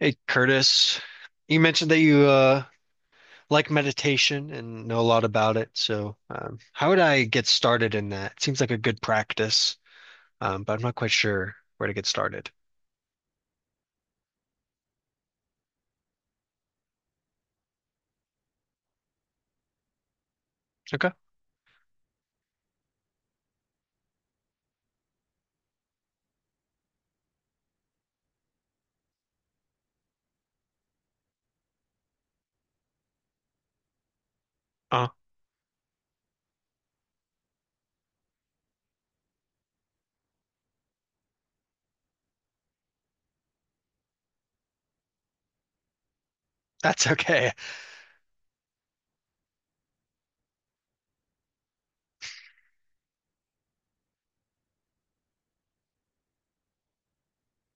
Hey Curtis, you mentioned that you like meditation and know a lot about it. So, how would I get started in that? It seems like a good practice, but I'm not quite sure where to get started. Okay. Oh, that's okay.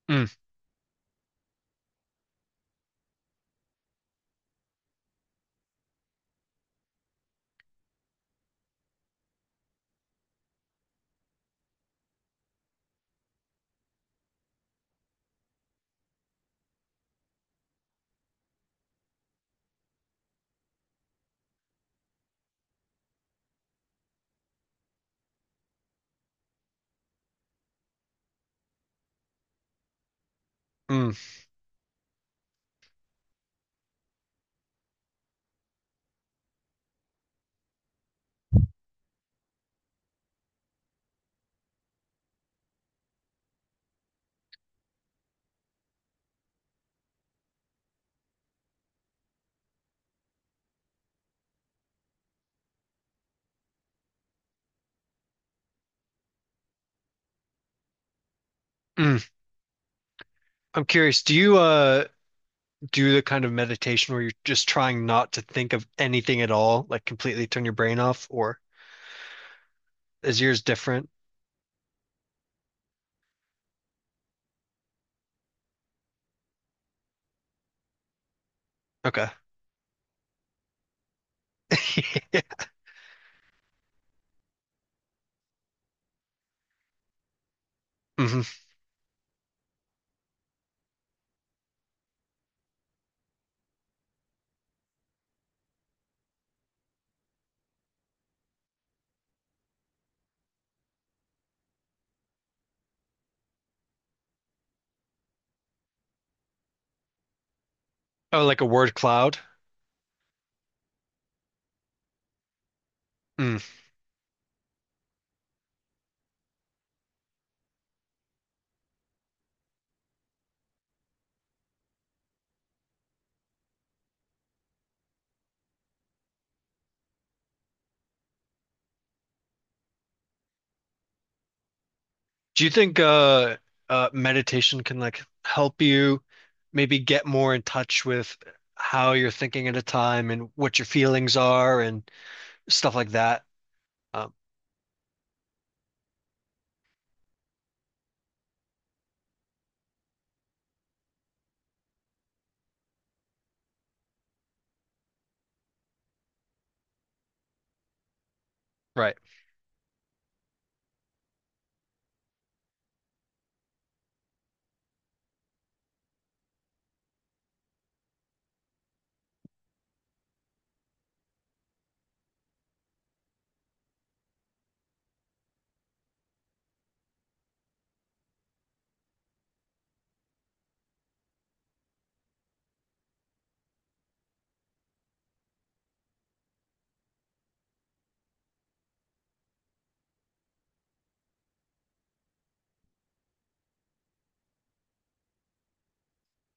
Mm, mm, mm. I'm curious. Do you do the kind of meditation where you're just trying not to think of anything at all, like completely turn your brain off, or is yours different? Okay. Hmm. Oh, like a word cloud? Mm. Do you think meditation can like help you maybe get more in touch with how you're thinking at a time and what your feelings are and stuff like that? Um, right.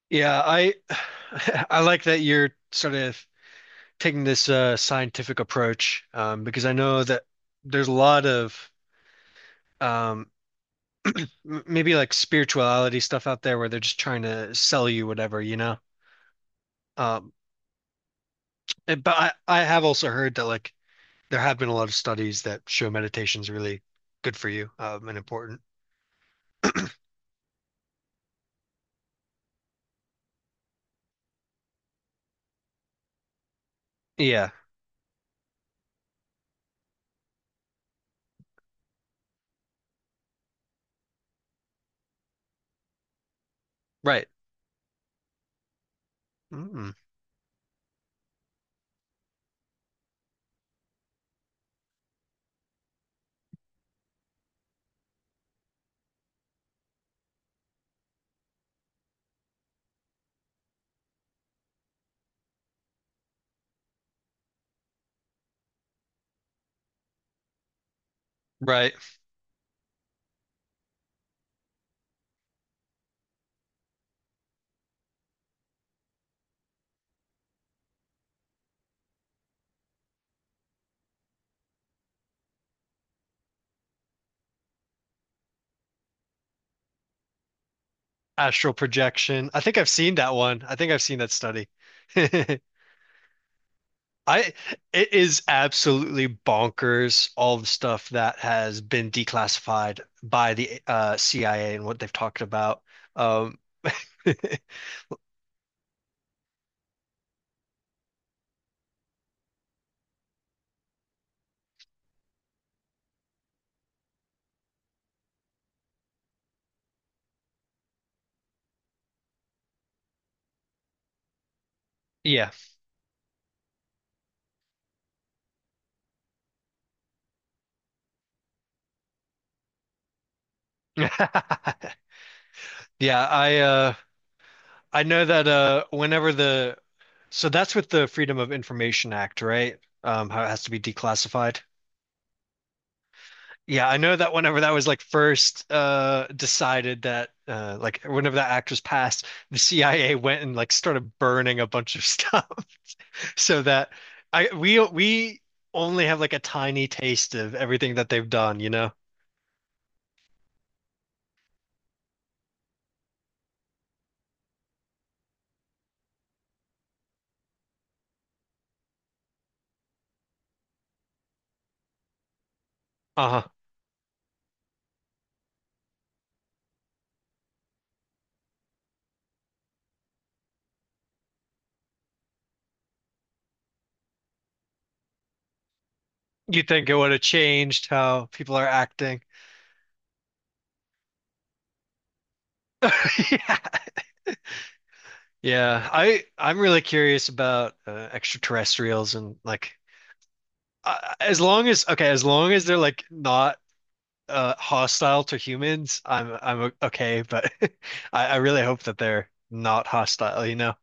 Yeah, I I like that you're sort of taking this scientific approach because I know that there's a lot of um, maybe like spirituality stuff out there where they're just trying to sell you whatever, Um, but I have also heard that like there have been a lot of studies that show meditation's really good for you, and important. Yeah, right. Mm, right. Astral projection. I think I've seen that one. I think I've seen that study. I it is absolutely bonkers all the stuff that has been declassified by the CIA and what they've talked about. Um, yeah. Yeah, I know that whenever the so that's with the Freedom of Information Act, right? How it has to be declassified. Yeah, I know that whenever that was like first decided that like whenever that act was passed, the CIA went and like started burning a bunch of stuff so that I we only have like a tiny taste of everything that they've done, you know? Uh-huh. You think it would have changed how people are acting? Yeah. Yeah, I'm really curious about extraterrestrials and like as long as okay, as long as they're like not hostile to humans, I'm okay, but I really hope that they're not hostile, you know.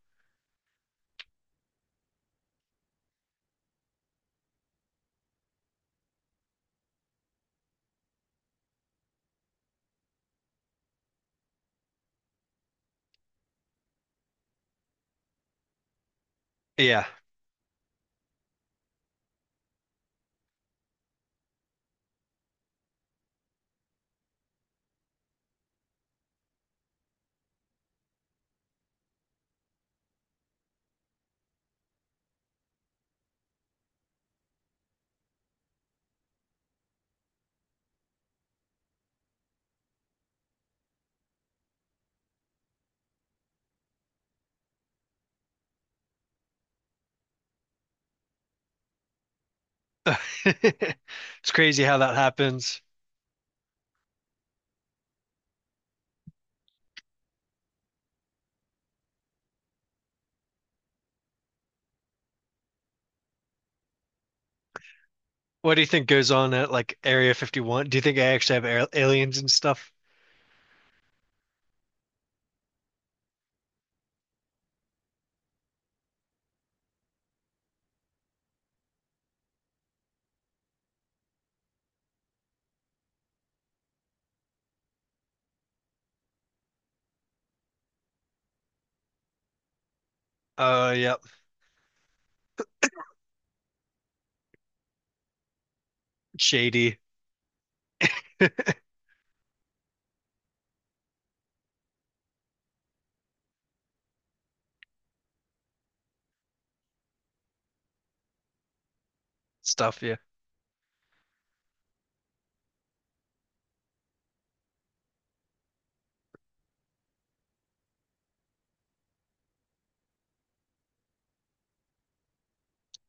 Yeah. It's crazy how that happens. What do you think goes on at like Area 51? Do you think I actually have aliens and stuff? Yep. Shady stuff, yeah.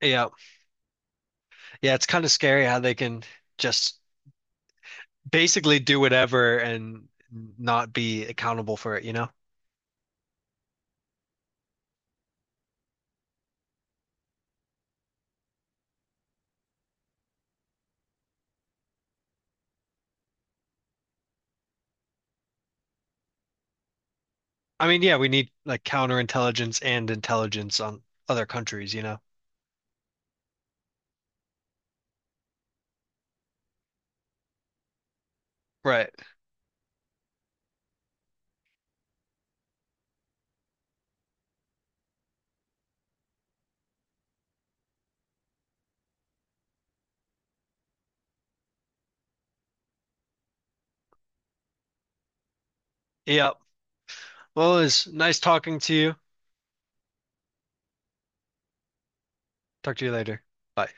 Yeah. Yeah, it's kind of scary how they can just basically do whatever and not be accountable for it, you know? I mean, yeah, we need like counterintelligence and intelligence on other countries, you know? Right. Yep. Well, it was nice talking to you. Talk to you later. Bye.